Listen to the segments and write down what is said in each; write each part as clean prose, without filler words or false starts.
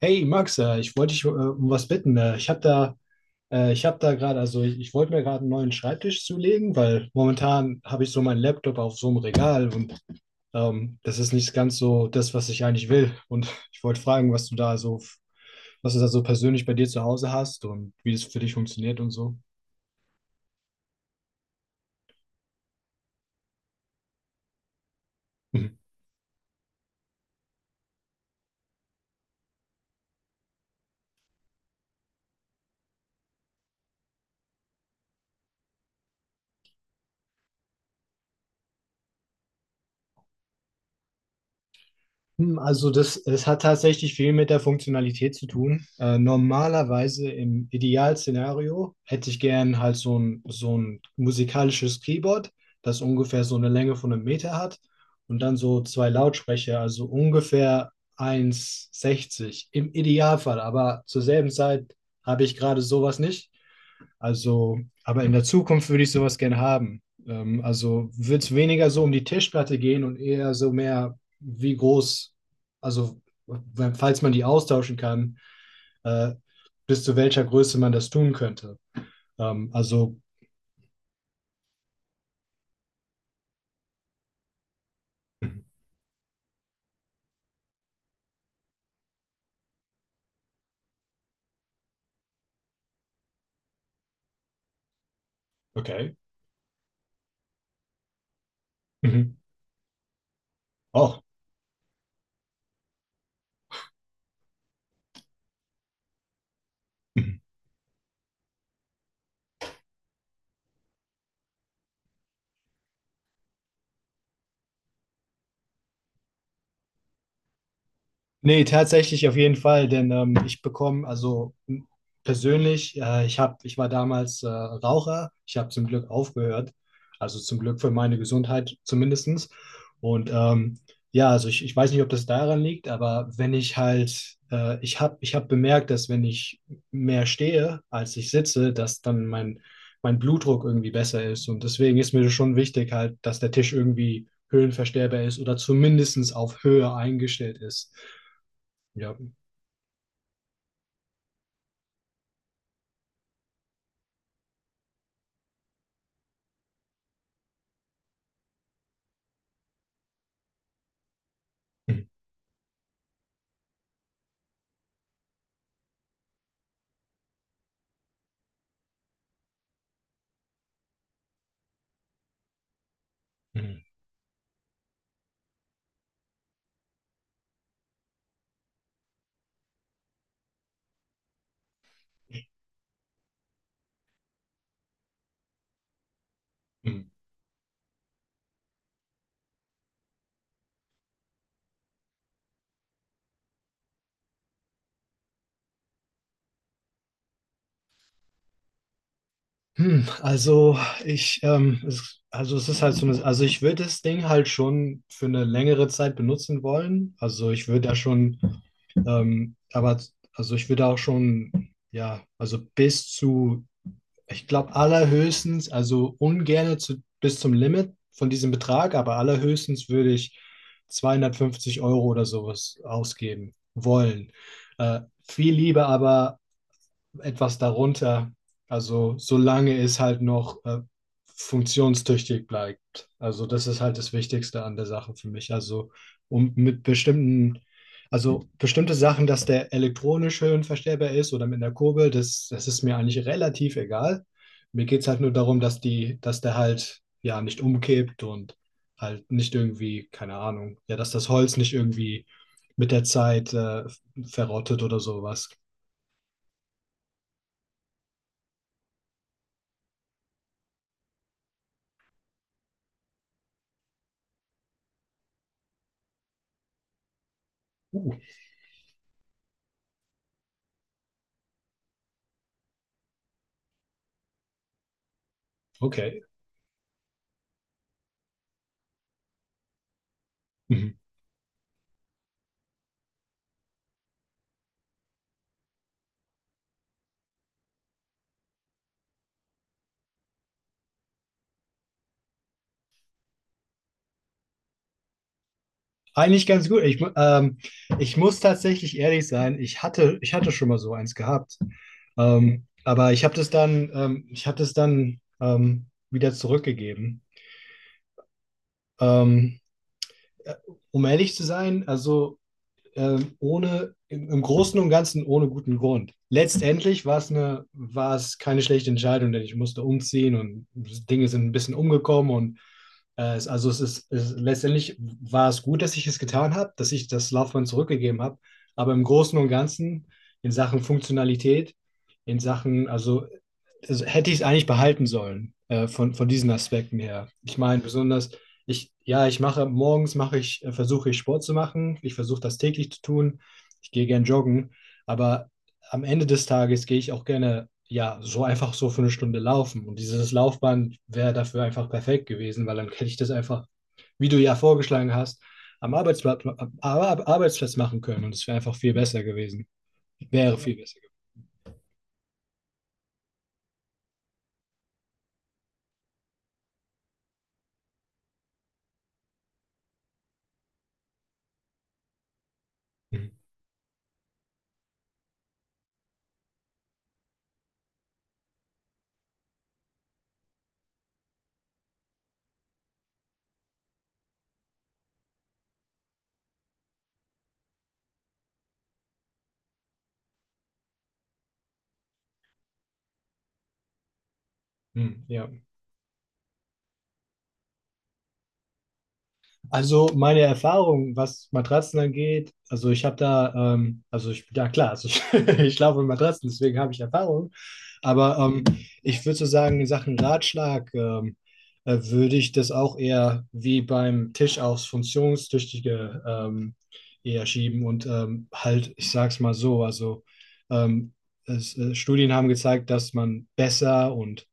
Hey Max, ich wollte dich um was bitten. Ich habe da gerade, ich wollte mir gerade einen neuen Schreibtisch zulegen, weil momentan habe ich so meinen Laptop auf so einem Regal und das ist nicht ganz so das, was ich eigentlich will. Und ich wollte fragen, was du da so persönlich bei dir zu Hause hast und wie das für dich funktioniert und so. Mhm. Also es hat tatsächlich viel mit der Funktionalität zu tun. Normalerweise im Idealszenario hätte ich gern halt so ein musikalisches Keyboard, das ungefähr so eine Länge von einem Meter hat und dann so zwei Lautsprecher, also ungefähr 1,60 im Idealfall. Aber zur selben Zeit habe ich gerade sowas nicht. Also, aber in der Zukunft würde ich sowas gerne haben. Also wird es weniger so um die Tischplatte gehen und eher so mehr, wie groß, also falls man die austauschen kann, äh, bis zu welcher Größe man das tun könnte. Also, okay. Mhm. Oh, nee, tatsächlich auf jeden Fall, denn ich bekomme, persönlich, ich war damals Raucher, ich habe zum Glück aufgehört, also zum Glück für meine Gesundheit zumindestens. Und ja, ich weiß nicht, ob das daran liegt, aber wenn ich halt, ich hab bemerkt, dass wenn ich mehr stehe, als ich sitze, dass dann mein Blutdruck irgendwie besser ist. Und deswegen ist mir das schon wichtig halt, dass der Tisch irgendwie höhenverstellbar ist oder zumindestens auf Höhe eingestellt ist. Ja. Hm, hm, hm. Also also es ist halt so eine, also ich würde das Ding halt schon für eine längere Zeit benutzen wollen. Ähm, aber also ich würde auch schon, ja, also bis zu, ich glaube allerhöchstens, also ungerne zu, bis zum Limit von diesem Betrag, aber allerhöchstens würde ich 250 € oder sowas ausgeben wollen. Viel lieber aber etwas darunter. Also solange es halt noch funktionstüchtig bleibt. Also das ist halt das Wichtigste an der Sache für mich. Also um mit bestimmten, also bestimmte Sachen, dass der elektronisch höhenverstellbar ist oder mit einer Kurbel, das ist mir eigentlich relativ egal. Mir geht es halt nur darum, dass der halt ja nicht umkippt und halt nicht irgendwie, keine Ahnung, ja, dass das Holz nicht irgendwie mit der Zeit verrottet oder sowas. Uh, okay. Mhm. Eigentlich ganz gut. Ich muss tatsächlich ehrlich sein, ich hatte schon mal so eins gehabt. Aber ich habe das dann, wieder zurückgegeben. Ähm, äh, Um ehrlich zu sein, also ohne, im, im Großen und Ganzen ohne guten Grund. Letztendlich war es keine schlechte Entscheidung, denn ich musste umziehen und Dinge sind ein bisschen umgekommen und es, also es ist, es, letztendlich war es gut, dass ich es getan habe, dass ich das Laufband zurückgegeben habe. Aber im Großen und Ganzen in Sachen Funktionalität, in Sachen, also hätte ich es eigentlich behalten sollen von diesen Aspekten her. Ich meine, besonders ich, ja, ich mache morgens mache ich, versuche ich Sport zu machen. Ich versuche das täglich zu tun. Ich gehe gern joggen, aber am Ende des Tages gehe ich auch gerne, ja, so einfach so für eine Stunde laufen. Und dieses Laufband wäre dafür einfach perfekt gewesen, weil dann hätte ich das einfach, wie du ja vorgeschlagen hast, am Arbeitsplatz machen können. Und es wäre einfach viel besser gewesen. Wäre ja viel besser gewesen. Hm, ja. Also meine Erfahrung, was Matratzen angeht, also ich habe da, also ich, ja klar, also ich, ich schlafe mit Matratzen, deswegen habe ich Erfahrung. Aber ich würde so sagen, in Sachen Ratschlag würde ich das auch eher wie beim Tisch aufs Funktionstüchtige eher schieben und halt, ich sag's mal so, also ähm, Studien haben gezeigt, dass man besser und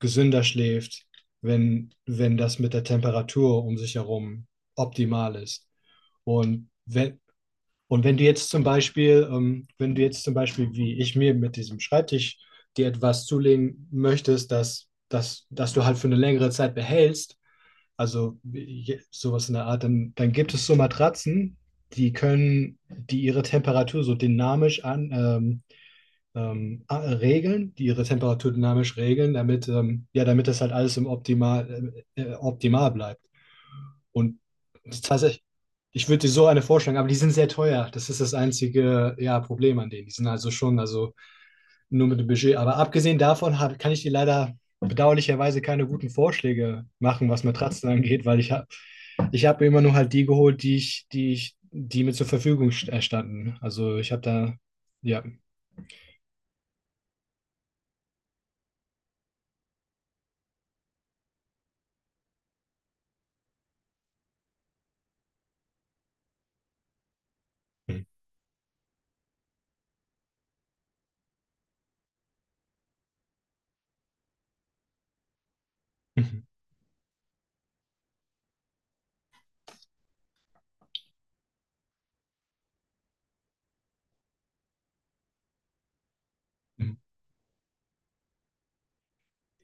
gesünder schläft, wenn das mit der Temperatur um sich herum optimal ist. Und wenn, und wenn du jetzt zum Beispiel, wenn du jetzt zum Beispiel, wie ich mir mit diesem Schreibtisch dir etwas zulegen möchtest, dass du halt für eine längere Zeit behältst, sowas in der Art, dann gibt es so Matratzen, die ihre Temperatur so dynamisch regeln, die ihre Temperatur dynamisch regeln, damit, ja, damit das halt alles im optimal bleibt. Und das ist tatsächlich, ich würde dir so eine vorschlagen, aber die sind sehr teuer. Das ist das einzige, ja, Problem an denen. Die sind also schon, also nur mit dem Budget. Aber abgesehen davon kann ich dir leider bedauerlicherweise keine guten Vorschläge machen, was Matratzen angeht, weil ich hab mir immer nur halt die geholt, die mir zur Verfügung standen. Also ich habe da, ja. Mhm.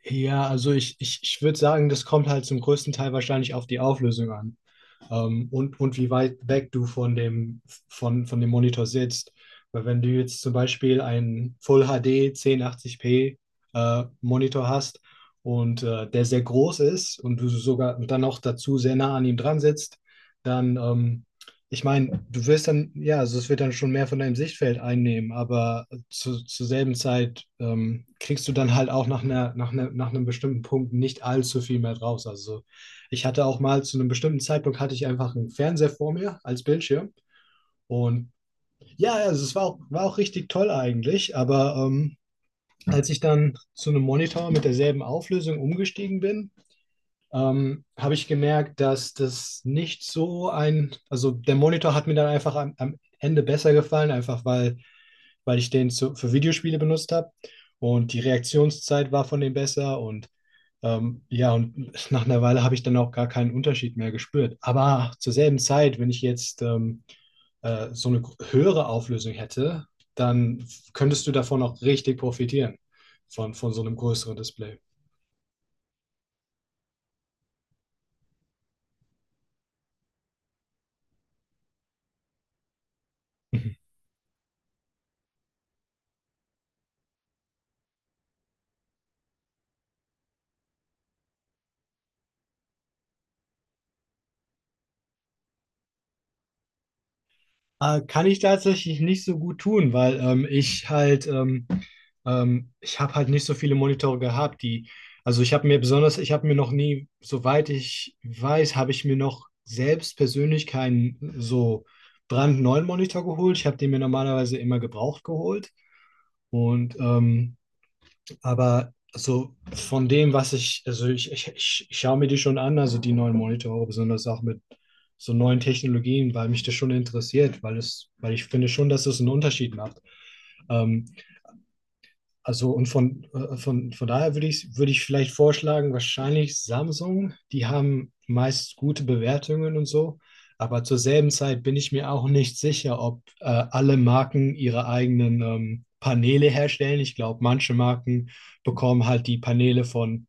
Ja, ich würde sagen, das kommt halt zum größten Teil wahrscheinlich auf die Auflösung an und wie weit weg du von dem, von dem Monitor sitzt. Weil wenn du jetzt zum Beispiel einen Full HD 1080p Monitor hast und der sehr groß ist und du sogar dann noch dazu sehr nah an ihm dran sitzt, dann, ich meine, du wirst dann, ja, also es wird dann schon mehr von deinem Sichtfeld einnehmen, aber zur selben Zeit kriegst du dann halt auch nach einem bestimmten Punkt nicht allzu viel mehr draus. Also ich hatte auch mal zu einem bestimmten Zeitpunkt hatte ich einfach einen Fernseher vor mir als Bildschirm. Und ja, war auch richtig toll eigentlich. Aber als ich dann zu einem Monitor mit derselben Auflösung umgestiegen bin, habe ich gemerkt, dass das nicht so ein, also der Monitor hat mir dann einfach am Ende besser gefallen, einfach weil ich den für Videospiele benutzt habe. Und die Reaktionszeit war von dem besser und ja, und nach einer Weile habe ich dann auch gar keinen Unterschied mehr gespürt. Aber zur selben Zeit, wenn ich jetzt so eine höhere Auflösung hätte, dann könntest du davon auch richtig profitieren, von so einem größeren Display. Kann ich tatsächlich nicht so gut tun, weil ich habe halt nicht so viele Monitore Ich habe mir noch nie, soweit ich weiß, habe ich mir noch selbst persönlich keinen so brandneuen Monitor geholt. Ich habe den mir normalerweise immer gebraucht geholt und aber so von dem, was ich, also ich schaue mir die schon an, also die neuen Monitore, besonders auch mit so neuen Technologien, weil mich das schon interessiert, weil ich finde schon, dass es einen Unterschied macht. Ähm, also und von daher würde ich vielleicht vorschlagen, wahrscheinlich Samsung. Die haben meist gute Bewertungen und so. Aber zur selben Zeit bin ich mir auch nicht sicher, ob alle Marken ihre eigenen Paneele herstellen. Ich glaube, manche Marken bekommen halt die Paneele von,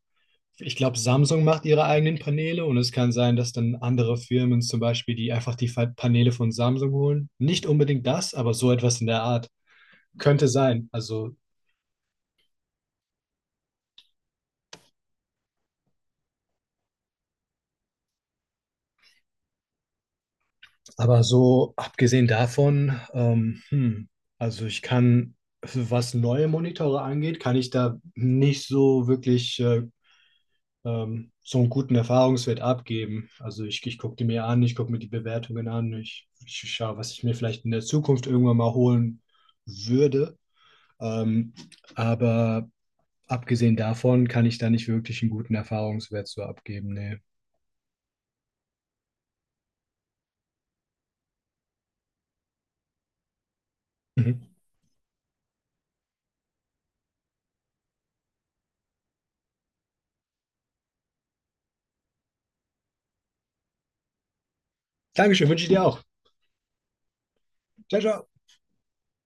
ich glaube, Samsung macht ihre eigenen Paneele und es kann sein, dass dann andere Firmen zum Beispiel, die einfach die Paneele von Samsung holen. Nicht unbedingt das, aber so etwas in der Art. Könnte sein. Also aber so abgesehen davon, also ich kann, was neue Monitore angeht, kann ich da nicht so wirklich so einen guten Erfahrungswert abgeben. Ich gucke die mir an, ich gucke mir die Bewertungen an, ich schaue, was ich mir vielleicht in der Zukunft irgendwann mal holen würde. Ähm, aber abgesehen davon kann ich da nicht wirklich einen guten Erfahrungswert so abgeben. Nee. Mhm. Dankeschön, wünsche ich dir auch. Ciao, ciao.